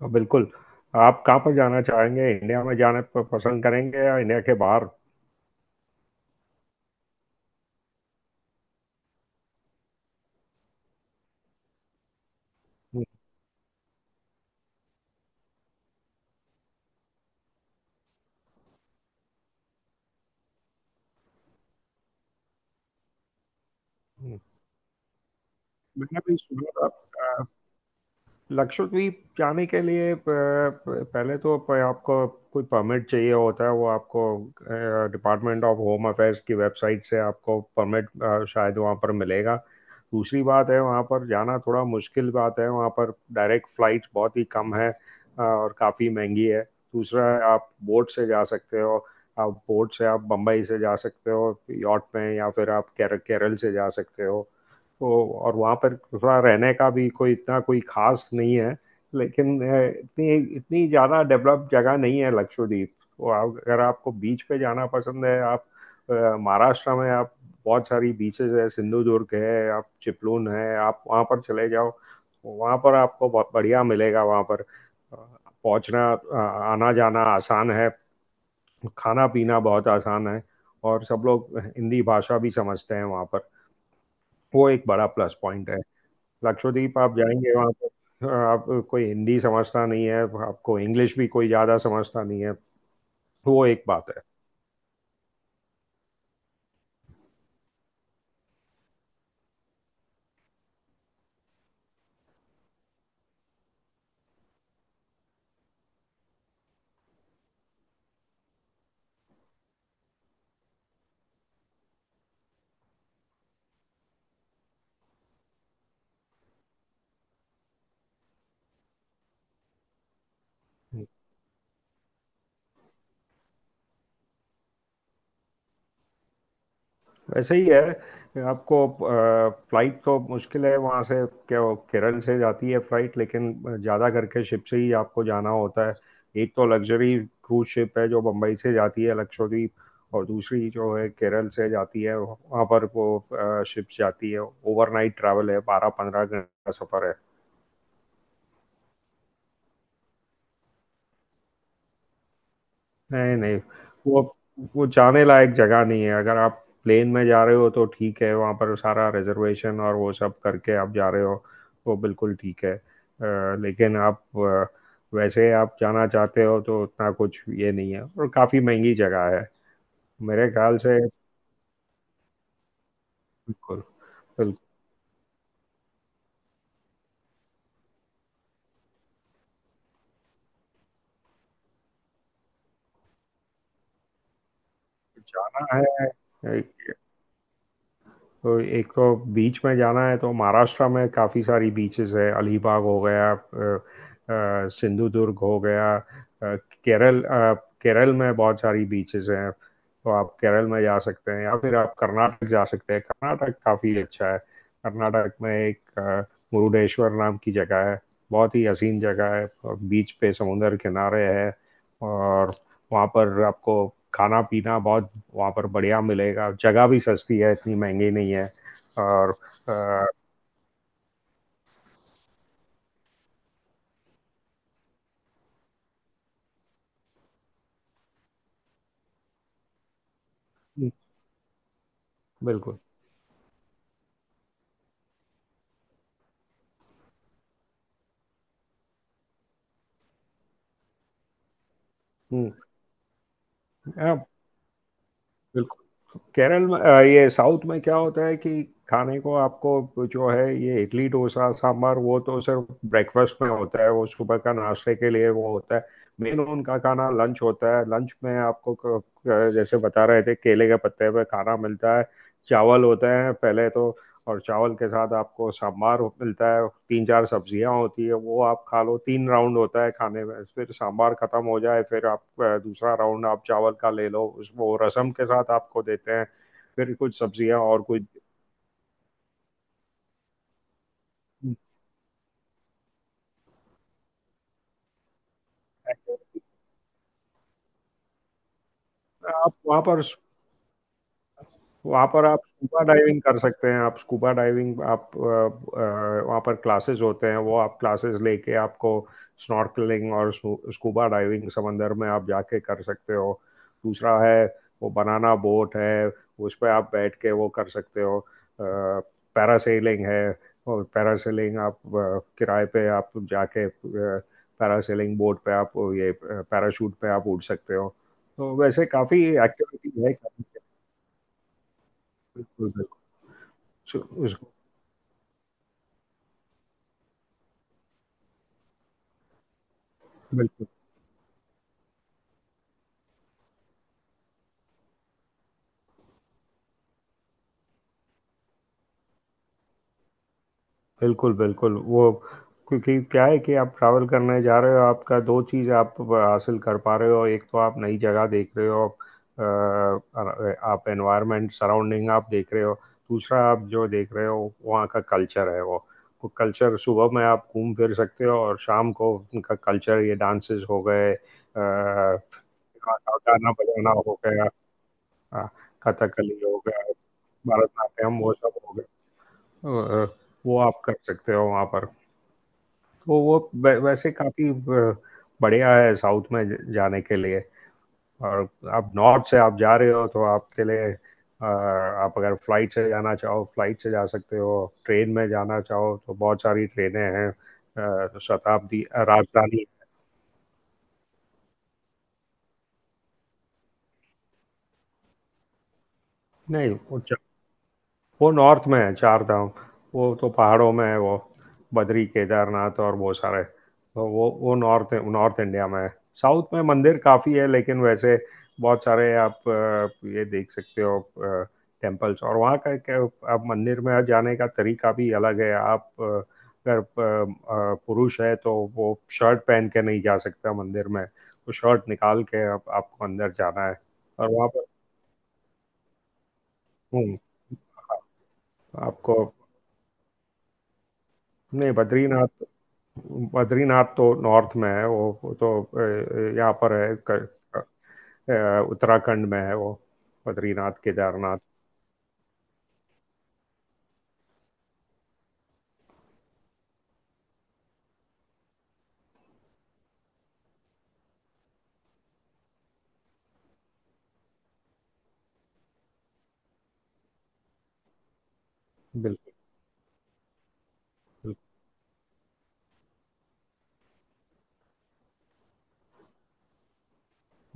तो बिल्कुल। आप कहाँ पर जाना चाहेंगे, इंडिया में जाना पसंद करेंगे या इंडिया के बाहर? हम्म। हम्म। मैंने भी सुना था। लक्षद्वीप जाने के लिए पहले तो आपको कोई परमिट चाहिए होता है। वो आपको डिपार्टमेंट ऑफ होम अफेयर्स की वेबसाइट से आपको परमिट शायद वहाँ पर मिलेगा। दूसरी बात है, वहाँ पर जाना थोड़ा मुश्किल बात है। वहाँ पर डायरेक्ट फ्लाइट बहुत ही कम है, और काफ़ी महंगी है। दूसरा है, आप बोट से जा सकते हो। आप बोट से आप बम्बई से जा सकते हो यॉट में, या फिर आप केरल से जा सकते हो तो। और वहाँ पर थोड़ा रहने का भी कोई इतना कोई खास नहीं है, लेकिन इतनी इतनी ज़्यादा डेवलप जगह नहीं है लक्षद्वीप। तो अगर आपको बीच पे जाना पसंद है, आप अ, महाराष्ट्र में आप बहुत सारी बीचेस है, सिंधुदुर्ग है, आप चिपलून है, आप वहाँ पर चले जाओ तो वहाँ पर आपको बहुत बढ़िया मिलेगा। वहाँ पर पहुँचना, आना जाना आसान है। खाना पीना बहुत आसान है। और सब लोग हिंदी भाषा भी समझते हैं वहाँ पर। वो एक बड़ा प्लस पॉइंट है। लक्षद्वीप आप जाएंगे वहाँ पर आप, कोई हिंदी समझता नहीं है। आपको इंग्लिश भी कोई ज़्यादा समझता नहीं है। वो एक बात है। वैसे ही है, आपको फ्लाइट तो मुश्किल है वहाँ से। क्या वो केरल से जाती है फ्लाइट, लेकिन ज़्यादा करके शिप से ही आपको जाना होता है। एक तो लग्जरी क्रूज शिप है जो बम्बई से जाती है लक्षद्वीप। और दूसरी जो है, केरल से जाती है। वहाँ पर वो शिप जाती है, ओवरनाइट ट्रैवल है। 12-15 घंटे का सफ़र है। नहीं, नहीं। वो वो जाने लायक जगह नहीं है। अगर आप प्लेन में जा रहे हो तो ठीक है, वहाँ पर सारा रिजर्वेशन और वो सब करके आप जा रहे हो, वो बिल्कुल ठीक है। लेकिन आप, वैसे आप जाना चाहते हो तो उतना कुछ ये नहीं है, और काफ़ी महंगी जगह है। मेरे ख्याल से बिल्कुल। बिल्कुल। जाना है तो एक तो बीच में जाना है तो महाराष्ट्र में काफ़ी सारी बीचेस है। अलीबाग हो गया, सिंधुदुर्ग हो गया, केरल अ, केरल में बहुत सारी बीचेस हैं तो आप केरल में जा सकते हैं, या फिर आप कर्नाटक जा सकते हैं। कर्नाटक काफ़ी अच्छा है। कर्नाटक में एक मुरुडेश्वर नाम की जगह है। बहुत ही हसीन जगह है। बीच पे, समुंदर किनारे है। और वहाँ पर आपको खाना पीना बहुत वहाँ पर बढ़िया मिलेगा। जगह भी सस्ती है, इतनी महंगी नहीं है। और अ, हम्म, बिल्कुल। हम्म, हाँ, बिल्कुल। केरल में, ये साउथ में क्या होता है कि, खाने को आपको जो है ये इडली डोसा सांभर, वो तो सिर्फ ब्रेकफास्ट में होता है। वो सुबह का नाश्ते के लिए वो होता है। मेन उनका खाना लंच होता है, लंच में आपको जैसे बता रहे थे, केले के पत्ते पे खाना मिलता है। चावल होते हैं पहले तो। और चावल के साथ आपको सांभार मिलता है। तीन चार सब्जियां होती है, वो आप खा लो। तीन राउंड होता है खाने में। फिर सांभार खत्म हो जाए, फिर आप दूसरा राउंड आप चावल का ले लो, उस वो रसम के साथ आपको देते हैं। फिर कुछ सब्जियां और कुछ। आप वहाँ पर आप स्कूबा डाइविंग कर सकते हैं। आप स्कूबा डाइविंग आप, वहाँ पर क्लासेस होते हैं, वो आप क्लासेस लेके आपको स्नॉर्कलिंग और स्कूबा डाइविंग समंदर में आप जाके कर सकते हो। दूसरा है, वो बनाना बोट है, उस पर आप बैठ के वो कर सकते हो। पैरासेलिंग है, और पैरासेलिंग आप किराए पे आप जाके, पैरासेलिंग बोट पे आप, ये पैराशूट पे आप उड़ सकते हो। तो वैसे काफ़ी एक्टिविटी है। बिल्कुल, बिल्कुल। सु बिल्कुल, बिल्कुल, बिल्कुल। वो, क्योंकि क्या है कि आप ट्रैवल करने जा रहे हो, आपका 2 चीज़ आप हासिल कर पा रहे हो। एक तो आप नई जगह देख रहे हो, आप एनवायरनमेंट सराउंडिंग आप देख रहे हो। दूसरा आप जो देख रहे हो, वहाँ का कल्चर है वो। वो कल्चर सुबह में आप घूम फिर सकते हो, और शाम को उनका कल्चर ये डांसेज़ हो गए, गाना बजाना हो गया। हाँ, कथकली हो गया, भरतनाट्यम वो सब हो गया। तो, वो आप कर सकते हो वहाँ पर। तो वो वैसे काफ़ी बढ़िया है साउथ में जाने के लिए। और आप नॉर्थ से आप जा रहे हो तो आपके लिए, आप अगर फ्लाइट से जाना चाहो फ्लाइट से जा सकते हो। ट्रेन में जाना चाहो तो बहुत सारी ट्रेनें हैं। शताब्दी, राजधानी। नहीं, वो नॉर्थ में है चार धाम। वो तो पहाड़ों में है, वो बद्री केदारनाथ और वो सारे, तो वो नॉर्थ नॉर्थ इंडिया में है। साउथ में मंदिर काफ़ी है, लेकिन वैसे बहुत सारे आप ये देख सकते हो, टेम्पल्स। और वहाँ का क्या, आप मंदिर में जाने का तरीका भी अलग है। आप अगर पुरुष है तो वो शर्ट पहन के नहीं जा सकता मंदिर में, तो शर्ट निकाल के आपको अंदर जाना है। और वहाँ पर, हम्म, हाँ, आपको। नहीं, बद्रीनाथ। बद्रीनाथ तो नॉर्थ में है। वो तो यहाँ पर है, उत्तराखंड में है वो, बद्रीनाथ केदारनाथ। बिल्कुल। बिल्कुल।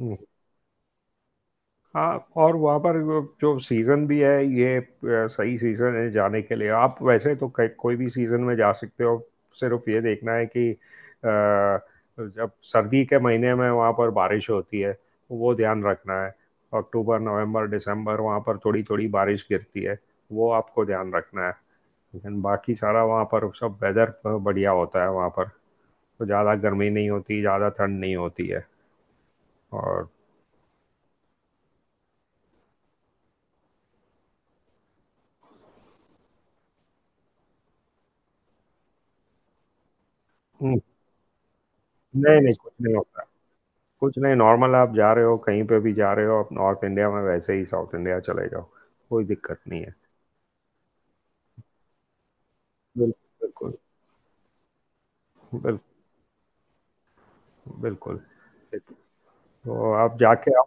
हम्म। हाँ, और वहाँ पर वो जो सीज़न भी है, ये सही सीज़न है जाने के लिए। आप वैसे तो कोई भी सीज़न में जा सकते हो। सिर्फ ये देखना है कि, जब सर्दी के महीने में वहाँ पर बारिश होती है, वो ध्यान रखना है। अक्टूबर नवंबर दिसंबर वहाँ पर थोड़ी थोड़ी बारिश गिरती है, वो आपको ध्यान रखना है। लेकिन बाकी सारा वहाँ पर सब वेदर बढ़िया होता है वहाँ पर। तो ज़्यादा गर्मी नहीं होती, ज़्यादा ठंड नहीं होती है। और नहीं, नहीं, कुछ नहीं होता है। कुछ नहीं, नॉर्मल आप जा रहे हो, कहीं पे भी जा रहे हो, आप नॉर्थ इंडिया में वैसे ही साउथ इंडिया चले जाओ, कोई दिक्कत नहीं है। बिल बिल्कुल, बिल बिल्कुल। तो आप जाके आप,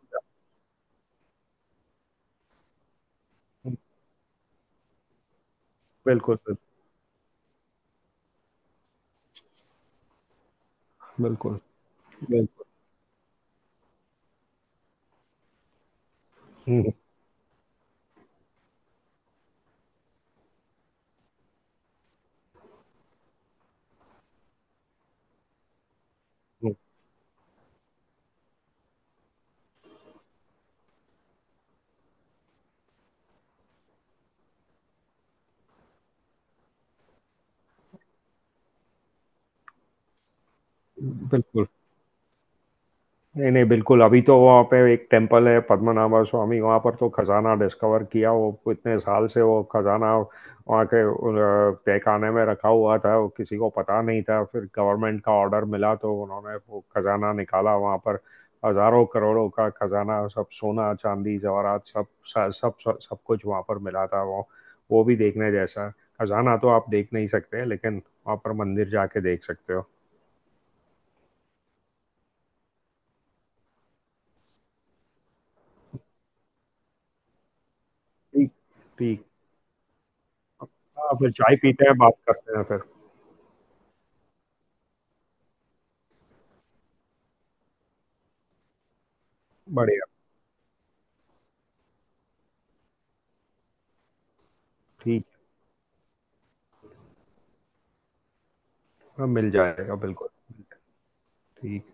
बिल्कुल, बिल्कुल, बिल्कुल। बिल्कुल। हुँ, हुँ, बिल्कुल। नहीं, नहीं, बिल्कुल। अभी तो वहाँ पे एक टेम्पल है पद्मनाभा स्वामी, वहाँ पर तो खजाना डिस्कवर किया। वो इतने साल से वो खजाना वहाँ के, तहखाने में रखा हुआ था, वो किसी को पता नहीं था। फिर गवर्नमेंट का ऑर्डर मिला तो उन्होंने वो खजाना निकाला वहाँ पर। हजारों करोड़ों का खजाना, सब सोना चांदी जवाहरात, सब, सब, सब, सब कुछ वहाँ पर मिला था। वो भी देखने जैसा है। खजाना तो आप देख नहीं सकते, लेकिन वहाँ पर मंदिर जाके देख सकते हो। ठीक। ठीक। हाँ, फिर चाय पीते हैं, बात करते हैं फिर। बढ़िया। ठीक है। हाँ, मिल जाएगा बिल्कुल। ठीक।